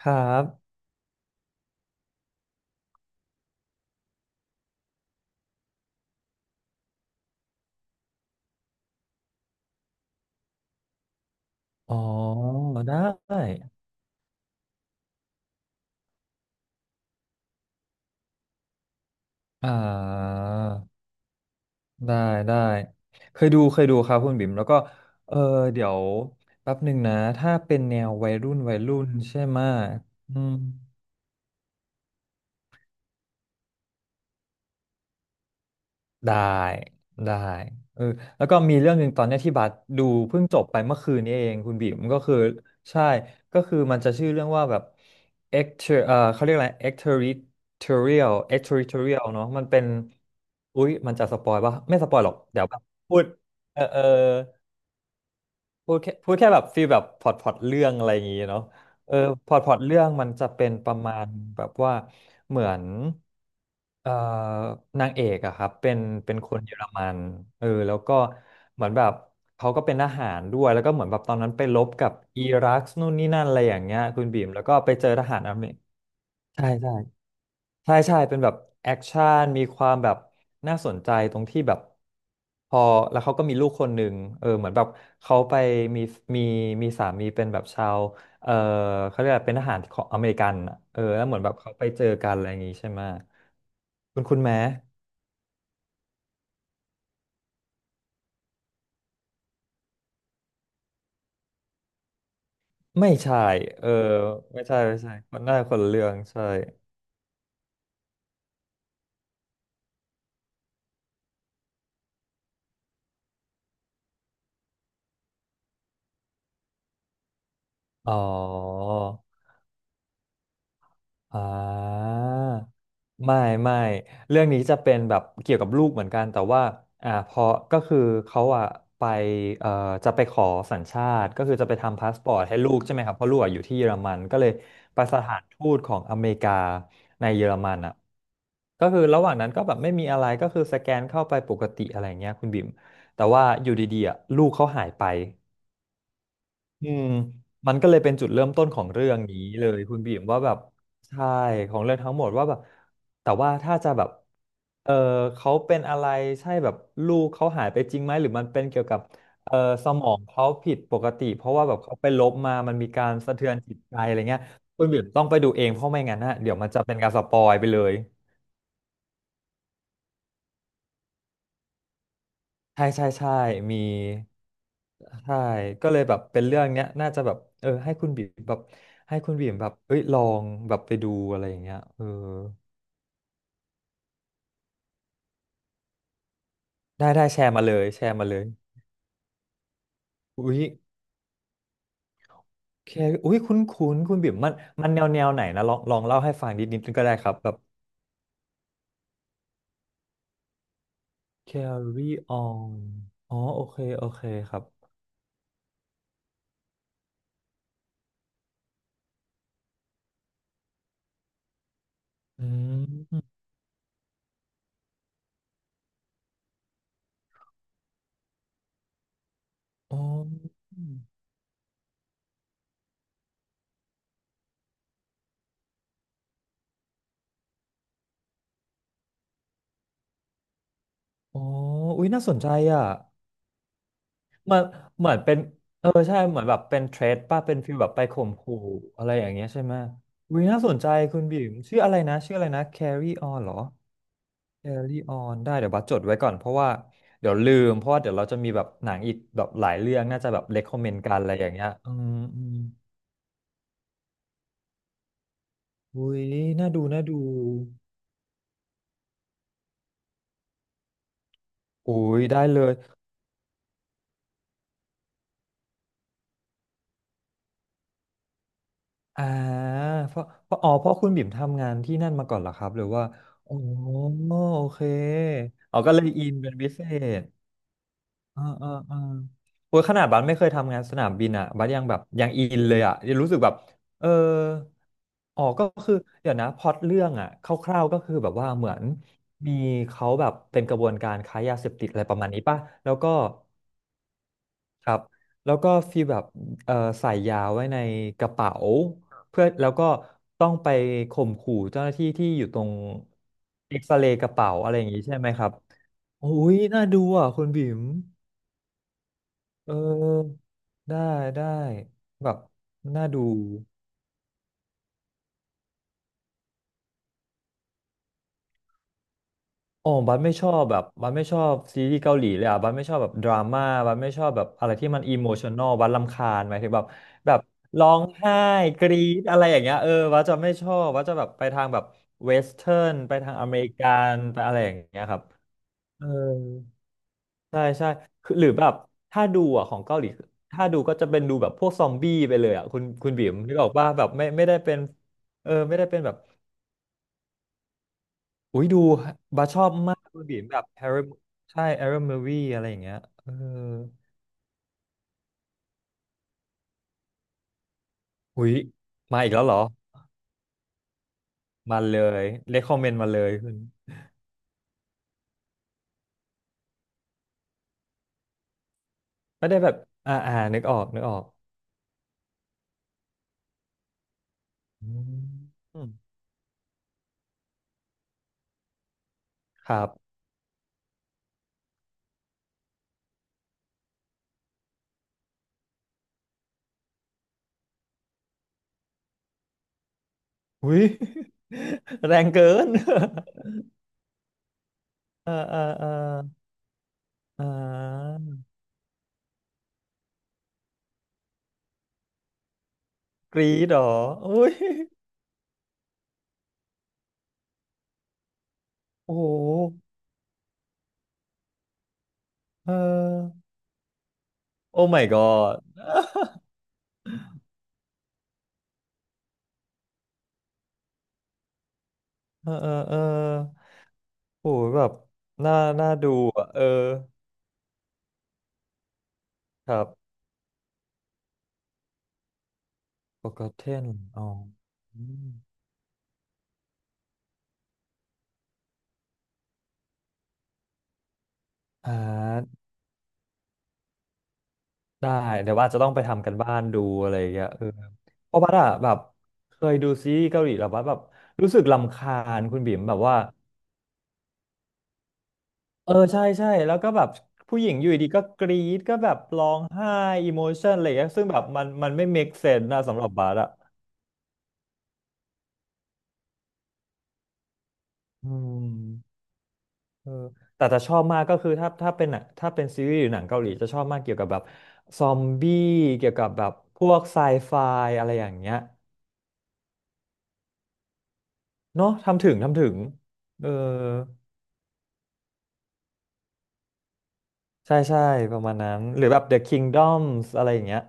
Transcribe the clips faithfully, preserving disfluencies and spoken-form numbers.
ครับ อ๋อ ได้อ่าได้ ได้ เคยดู เคยดูครับคุณบิ่มแล้วก็เออเดี๋ยวแป๊บหนึ่งนะ ถ้าเป็นแนววัยรุ่นวัยรุ่นใช่ไหมะอืม ได้ได้เออแล้วก็มีเรื่องหนึ่งตอนเนี้ยที่บัสดูเพิ่งจบไปเมื่อคืนนี้เองคุณบีมก็คือใช่ก็คือมันจะชื่อเรื่องว่าแบบเอกเอ่อเขาเรียกอะไร extraterritorial extraterritorial เนอะมันเป็นอุ๊ยมันจะสปอยปะไม่สปอยหรอกเดี๋ยวแบบพูดเออเออ พูดแค่พูดแค่แบบฟีลแบบพอร์ตพอร์ตเรื่องอะไรอย่างงี้เนาะเออพอร์ตพอร์ตเรื่องมันจะเป็นประมาณแบบว่าเหมือนเอ่อนางเอกอะครับเป็นเป็นคนเยอรมันเออแล้วก็เหมือนแบบเขาก็เป็นทหารด้วยแล้วก็เหมือนแบบตอนนั้นไปรบกับอิรักนู่นนี่นั่นอะไรอย่างเงี้ยคุณบีมแล้วก็ไปเจอทหารอเมริกใช่ใช่ ใช่ใช่เป็นแบบแอคชั่นมีความแบบน่าสนใจตรงที่แบบพอแล้วเขาก็มีลูกคนหนึ่งเออเหมือนแบบเขาไปมีมีมีสามีเป็นแบบชาวเออเขาเรียกว่าเป็นทหารของอเมริกันอะเออแล้วเหมือนแบบเขาไปเจอกันอะไรอย่างงี้ใช่ไหมคุณคุณแม้ไม่ใช่เออไม่ใช่ไม่ใช่คนน่าจะคนละเรื่องใช่อ๋อ อ่าไม่ไม่เรื่องนี้จะเป็นแบบเกี่ยวกับลูกเหมือนกันแต่ว่าอ่าพอก็คือเขาอ่ะไปเอ่อจะไปขอสัญชาติก็คือจะไปทำพาสปอร์ตให้ลูกใช่ไหมครับเพราะลูกอะอยู่ที่เยอรมันก็เลยไปสถานทูตของอเมริกาในเยอรมันอ่ะก็คือระหว่างนั้นก็แบบไม่มีอะไรก็คือสแกนเข้าไปปกติอะไรเงี้ยคุณบิ๋มแต่ว่าอยู่ดีๆอ่ะลูกเขาหายไป อืมมันก็เลยเป็นจุดเริ่มต้นของเรื่องนี้เลยคุณบีมว่าแบบใช่ของเรื่องทั้งหมดว่าแบบแต่ว่าถ้าจะแบบเออเขาเป็นอะไรใช่แบบลูกเขาหายไปจริงไหมหรือมันเป็นเกี่ยวกับเออสมองเขาผิดปกติเพราะว่าแบบเขาไปลบมามันมีการสะเทือนจิตใจอะไรเงี้ยคุณบีมต้องไปดูเองเพราะไม่งั้นนะเดี๋ยวมันจะเป็นการสปอยไปเลย ใช่ใช่ใช่ มีใช่ ก็เลยแบบเป็นเรื่องเนี้ยน่าจะแบบเออให้คุณบีมแบบให้คุณบีมแบบเอ้ยลองแบบไปดูอะไรอย่างเงี้ยเออได้ได้แชร์มาเลยแชร์มาเลยอุ้ยแคอุ้ยคุ้นคุ้นคุณบิ่มมันมันแนวแนวไหนนะลองลองเล่าให้ฟังนิดนิดก็ได้ครับแบบ carry on อ๋อโอเคโอเคครับอืมอ๋ออ๋ออุ้ยน่าสนใจอ่ะ มันเหมือนเป็นเออใช่เหมือนแบบเป็นเทรดป่ะเป็นฟีลแบบไปข่มขู่อะไรอย่างเงี้ยใช่ไหมวิน่าสนใจคุณบิ่มชื่ออะไรนะชื่ออะไรนะ Carry On เหรอ Carry On ได้เดี๋ยวบัสจดไว้ก่อนเพราะว่าเดี๋ยวลืมเพราะว่าเดี๋ยวเราจะมีแบบหนังอีกแบบหลายเรื่องน่าจะแบบ recommend กันอะไรอย่างเงี้ยอืมอืมอุ้ยน่าดูน่าดูอุ้ยได้เลยอ่าเพราะเพราะอ๋อเพราะคุณบิ่มทำงานที่นั่นมาก่อนเหรอครับหรือว่าอ๋อโอเคอ๋อก็เลยอินเป็นพิเศษ เออเออเออโอ้ยขนาดบัสไม่เคยทำงานสนามบินอ่ะบัสยังแบบยังอินเลยอ่ะยังรู้สึกแบบเอออ๋อก็คือเดี๋ยวนะพล็อตเรื่องอ่ะคร่าวๆก็คือแบบว่าเหมือนมีเขาแบบเป็นกระบวนการค้ายาเสพติดอะไรประมาณนี้ป่ะ แล้วก็ครับ แล้วก็ฟีลแบบเออใส่ยาไว้ในกระเป๋าเพื่อแล้วก็ต้องไปข่มขู่เจ้าหน้าที่ที่อยู่ตรงเอ็กซเรย์กระเป๋าอะไรอย่างงี้ใช่ไหมครับโอ้ยน่าดูอ่ะคุณบิ๋ม เออได้ได้แบบน่าดูอ๋อบัสไม่ชอบแบบบัสไม่ชอบซีรีส์เกาหลีเลยอ่ะบัสไม่ชอบแบบดราม่าบัสไม่ชอบแบบอะไรที่มันอิโมชัน เอ แอล แอลบัสรำคาญหมายถึงแบบแบบร้องไห้กรี๊ดอะไรอย่างเงี้ยเออบัสจะไม่ชอบบัสจะแบบไปทางแบบเวสเทิร์นไปทางอเมริกันไปอะไรอย่างเงี้ยครับเออใช่ใช่คือหรือแบบถ้าดูอ่ะของเกาหลีถ้าดูก็จะเป็นดูแบบพวกซอมบี้ไปเลยอ่ะคุณคุณบิ๋มนึกออกป่ะแบบไม่ไม่ได้เป็นเออไม่ได้เป็นแบบ อุ้ยดูบาชอบมากอืเลยมบีมแบบแฮร์รี่ใช่แฮร์รี่มูวี่อะไรอย่างเงี้ยเอออุ้ยมาอีกแล้วเหรอมาเลยเรคคอมเมนต์มาเลยคุณไม่ได้แบบอ่าอ่านึกออกนึกออกอืมครับอุ้ย แรงเกิน อ่าอ่าอ่าอ่ากรีดเหรออุ้ยโอ้โหเออโอ้ my god เออเออเออโอ้โหแบบน่าน่าดูอ่ะเออครับ ปกติเทนอ๋ออืมอ่าได้เดี๋ยวว่าจจะต้องไปทำกันบ้านดูอะไรอย่างเงี้ยเออเพราะว่าอะแบบเคยดูซีรีส์เกาหลีแล้วว่าแบบรู้สึกรำคาญคุณบิ่มแบบว่าเออใช่ใช่แล้วก็แบบผู้หญิงอยู่ดีก็กรี๊ดก็แบบร้องไห้อิโมชันอะไรอย่างเงี้ยซึ่งแบบมันมันไม่ make sense นะสำหรับบาสอะอืมเออแต่จะชอบมากก็คือถ้าถ้าเป็นหนังถ้าเป็นซีรีส์หรือหนังเกาหลีจะชอบมากเกี่ยวกับแบบซอมบี้เกี่ยวกับแบบพวกไซไฟอะไรอย่างเงี้ย เนาะทำถึงทำถึง เออใช่ใช่ประมาณนั้นหรือแบบ The Kingdoms อะไรอย่างเงี้ย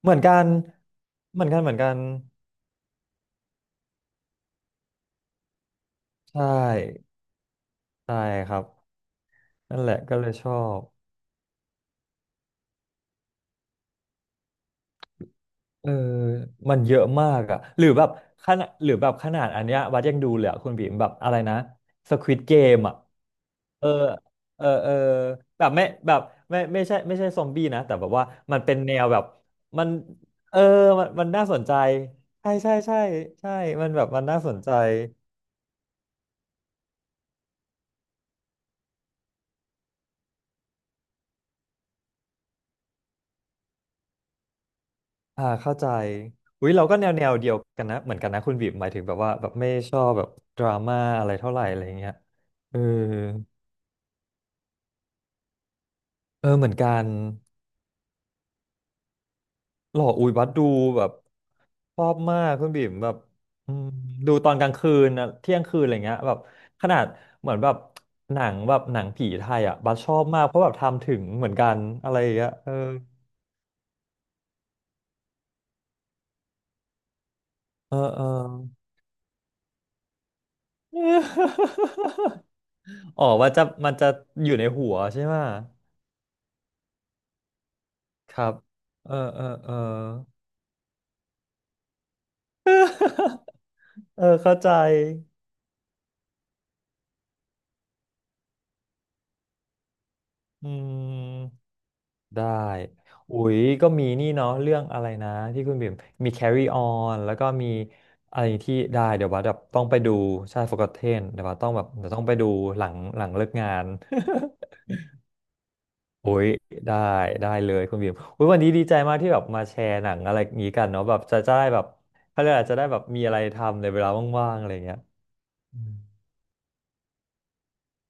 เหมือนกันเหมือนกันเหมือนกันใช่ใช่ครับนั่นแหละก็เลยชอบ เออมันเยอะมากอะหรือแบบขนาดหรือแบบขนาดอันเนี้ยวัดยังดูเลยอะคุณบีมแบบอะไรนะสควิดเกมอะเออเออเออแบบไม่แบบไม่ไม่ใช่ไม่ใช่ซอมบี้นะแต่แบบว่ามันเป็นแนวแบบมันเออมันมันน่าสนใจใช่ใช่ใช่ใช่มันแบบมันน่าสนใจอ่าเข้าใจอุ้ยเราก็แนวแนวเดียวกันนะเหมือนกันนะคุณบีมหมายถึงแบบว่าแบบไม่ชอบแบบดราม่าอะไรเท่าไหร่อะไรเงี้ยเออเออเหมือนกัน หล่ออุยบัสดูแบบชอบมากคุณบิ่มแบบอืมดูตอนกลางคืนนะเที่ยงคืนอะไรเงี้ยแบบขนาดเหมือนแบบหนังแบบหนังผีไทยอ่ะบัสชอบมากเพราะแบบทำถึงเหมือนกันอะไรอย่างเงี้ยเออเออเออ อ๋อว่าจะมันจะอยู่ในหัวใช่ไหมครับเออเออเออ เออเข้าใจอืม ได้อุ๊ยก็มีนี่เนาะเรื่องอะไรนะที่คุณบิ่มมี Carry On แล้วก็มีอะไรที่ได้เดี๋ยวว่าแบบต้องไปดูใช่ Forgotten เดี๋ยวว่าต้องแบบเดี๋ยวต้องไปดูหลังหลังเลิกงาน โอ้ยได้ได้เลยคุณบีมอุ๊ยวันนี้ดีใจมากที่แบบมาแชร์หนังอะไรอย่างนี้กันเนาะแบบจะจะได้แบบเขาเรียกอะไรจะได้แบบมีอะไรทำในเวลาว่างๆอะไรอย่างเงี้ยอืม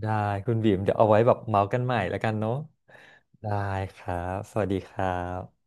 ได้คุณบีมเดี๋ยวเอาไว้แบบเมาส์กันใหม่แล้วกันเนาะได้ครับ สวัสดีครับ